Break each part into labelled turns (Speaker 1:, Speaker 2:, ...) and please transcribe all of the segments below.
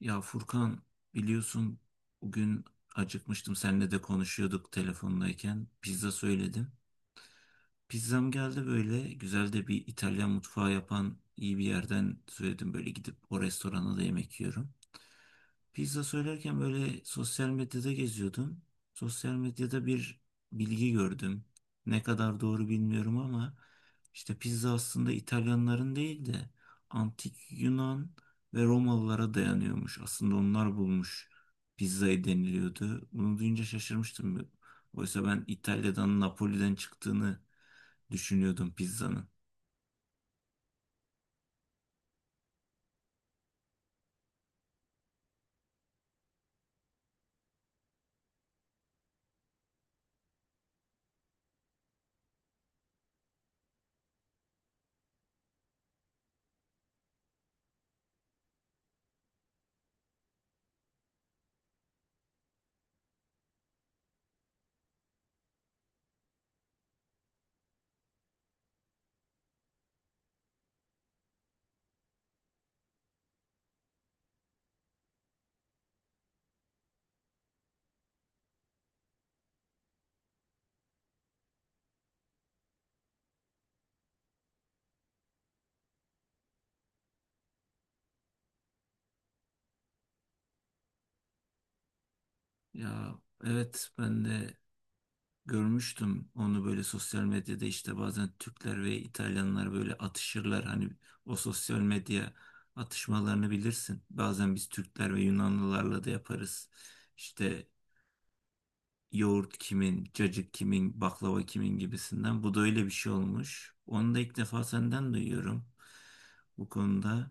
Speaker 1: Ya Furkan, biliyorsun, bugün acıkmıştım, seninle de konuşuyorduk telefondayken pizza söyledim. Pizzam geldi, böyle güzel de bir İtalyan mutfağı yapan iyi bir yerden söyledim, böyle gidip o restorana da yemek yiyorum. Pizza söylerken böyle sosyal medyada geziyordum. Sosyal medyada bir bilgi gördüm. Ne kadar doğru bilmiyorum ama işte pizza aslında İtalyanların değil de antik Yunan ve Romalılara dayanıyormuş. Aslında onlar bulmuş pizzayı deniliyordu. Bunu duyunca şaşırmıştım. Oysa ben İtalya'dan, Napoli'den çıktığını düşünüyordum pizzanın. Ya, evet, ben de görmüştüm onu böyle sosyal medyada, işte bazen Türkler ve İtalyanlar böyle atışırlar. Hani o sosyal medya atışmalarını bilirsin. Bazen biz Türkler ve Yunanlılarla da yaparız. İşte yoğurt kimin, cacık kimin, baklava kimin gibisinden. Bu da öyle bir şey olmuş. Onu da ilk defa senden duyuyorum bu konuda.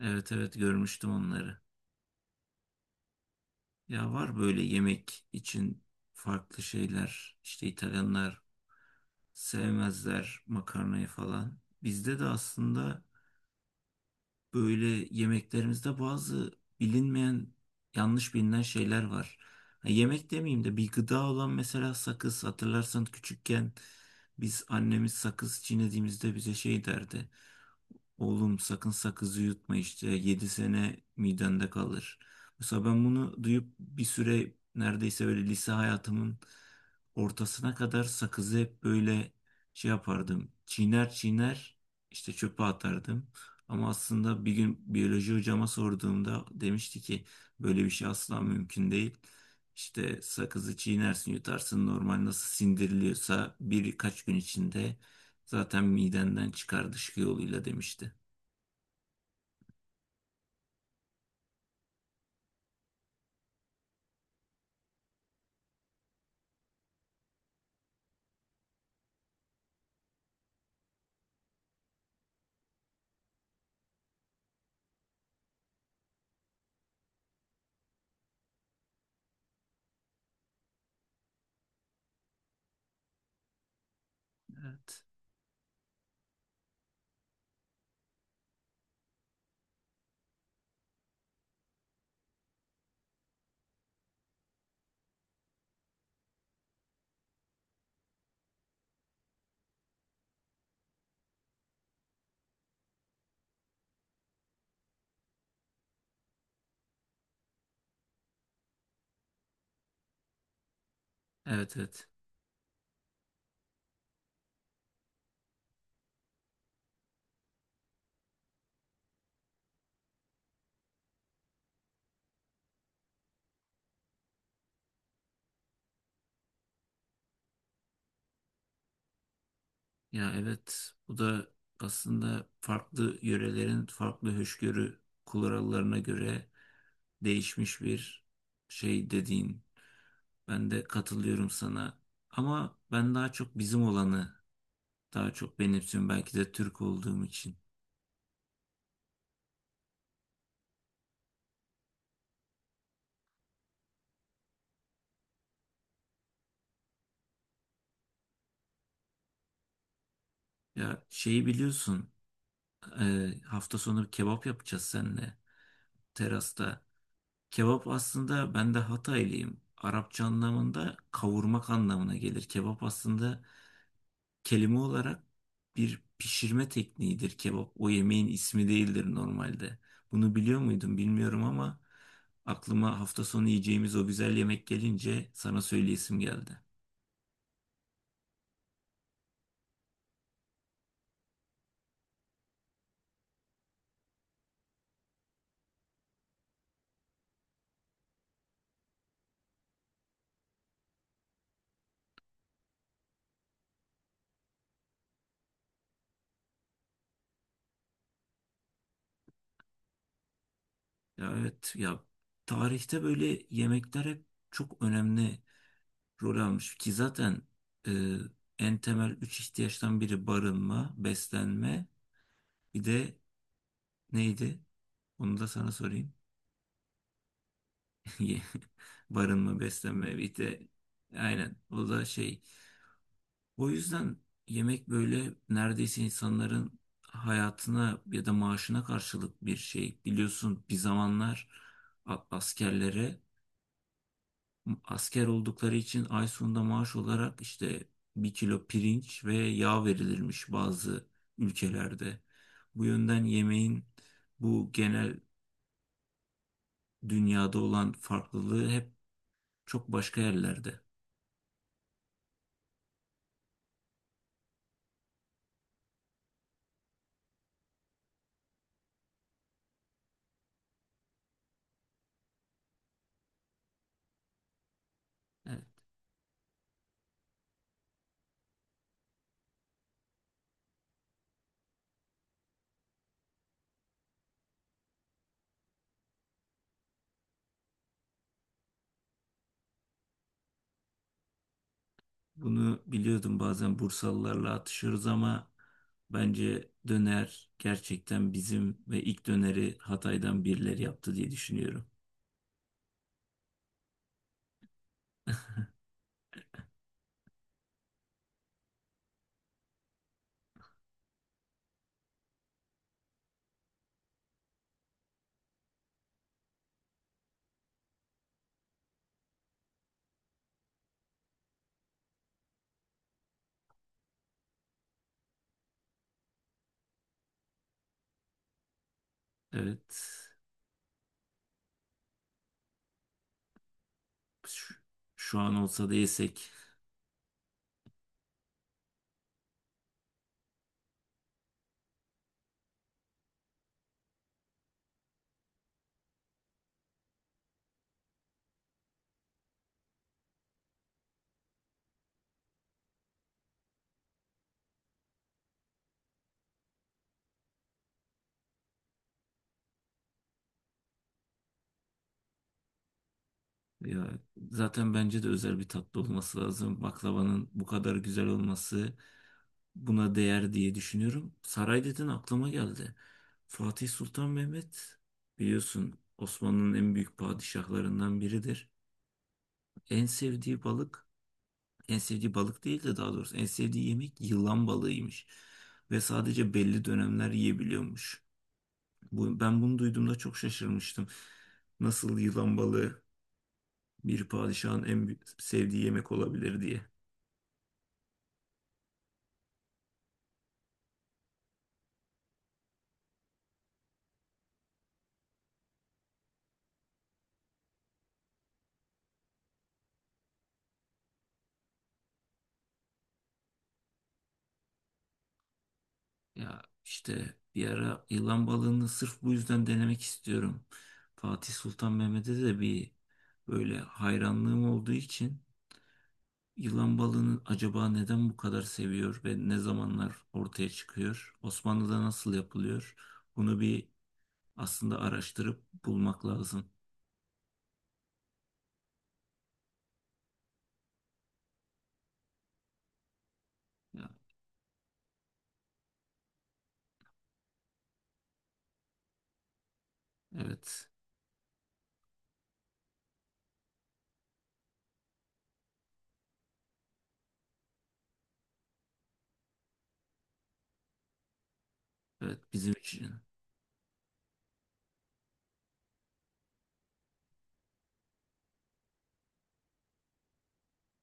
Speaker 1: Evet, evet, görmüştüm onları. Ya var böyle yemek için farklı şeyler. İşte İtalyanlar sevmezler makarnayı falan. Bizde de aslında böyle yemeklerimizde bazı bilinmeyen, yanlış bilinen şeyler var. Ha, yemek demeyeyim de, bir gıda olan mesela sakız. Hatırlarsan küçükken biz, annemiz sakız çiğnediğimizde bize şey derdi. Oğlum, sakın sakızı yutma, işte 7 sene midende kalır. Mesela ben bunu duyup bir süre, neredeyse böyle lise hayatımın ortasına kadar, sakızı hep böyle şey yapardım. Çiğner çiğner işte çöpe atardım. Ama aslında bir gün biyoloji hocama sorduğumda demişti ki böyle bir şey asla mümkün değil. İşte sakızı çiğnersin, yutarsın, normal nasıl sindiriliyorsa birkaç gün içinde zaten midenden çıkar dışkı yoluyla demişti. Evet. Evet, evet. Ya, evet, bu da aslında farklı yörelerin farklı hoşgörü kurallarına göre değişmiş bir şey dediğin. Ben de katılıyorum sana. Ama ben daha çok bizim olanı daha çok benimsiyorum. Belki de Türk olduğum için. Ya, şeyi biliyorsun, hafta sonu kebap yapacağız seninle terasta. Kebap aslında, ben de Hataylıyım, Arapça anlamında kavurmak anlamına gelir. Kebap aslında kelime olarak bir pişirme tekniğidir kebap. O yemeğin ismi değildir normalde. Bunu biliyor muydun bilmiyorum ama aklıma hafta sonu yiyeceğimiz o güzel yemek gelince sana söyleyesim geldi. Ya, evet ya, tarihte böyle yemekler hep çok önemli rol almış ki zaten e, en temel üç ihtiyaçtan biri barınma, beslenme, bir de neydi? Onu da sana sorayım. Ye- Barınma, beslenme, bir de aynen o da şey. O yüzden yemek böyle neredeyse insanların hayatına ya da maaşına karşılık bir şey. Biliyorsun, bir zamanlar askerlere, asker oldukları için ay sonunda maaş olarak işte 1 kilo pirinç ve yağ verilirmiş bazı ülkelerde. Bu yönden yemeğin bu genel dünyada olan farklılığı hep çok başka yerlerde. Evet. Bunu biliyordum, bazen Bursalılarla atışıyoruz ama bence döner gerçekten bizim ve ilk döneri Hatay'dan birileri yaptı diye düşünüyorum. Evet. Şu, şu an olsa da yesek. Ya, zaten bence de özel bir tatlı olması lazım. Baklavanın bu kadar güzel olması buna değer diye düşünüyorum. Saray dedin, aklıma geldi. Fatih Sultan Mehmet, biliyorsun, Osmanlı'nın en büyük padişahlarından biridir. En sevdiği balık En sevdiği balık değil de, daha doğrusu en sevdiği yemek yılan balığıymış. Ve sadece belli dönemler yiyebiliyormuş. Ben bunu duyduğumda çok şaşırmıştım. Nasıl yılan balığı bir padişahın sevdiği yemek olabilir diye. Ya işte, bir ara yılan balığını sırf bu yüzden denemek istiyorum. Fatih Sultan Mehmet'e de bir böyle hayranlığım olduğu için, yılan balığını acaba neden bu kadar seviyor ve ne zamanlar ortaya çıkıyor? Osmanlı'da nasıl yapılıyor? Bunu bir aslında araştırıp bulmak lazım. Ya, evet, evet, bizim için.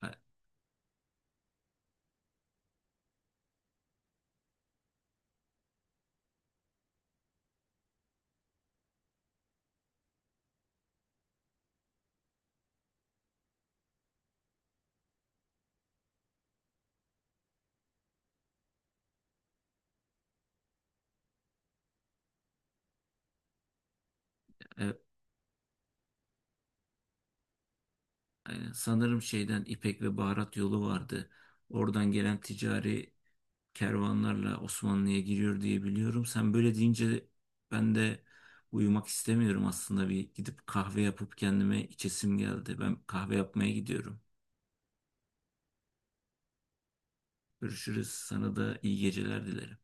Speaker 1: E- e- aynen. Sanırım şeyden, İpek ve Baharat yolu vardı. Oradan gelen ticari kervanlarla Osmanlı'ya giriyor diye biliyorum. Sen böyle deyince ben de uyumak istemiyorum aslında, bir gidip kahve yapıp kendime içesim geldi. Ben kahve yapmaya gidiyorum. Görüşürüz. Sana da iyi geceler dilerim.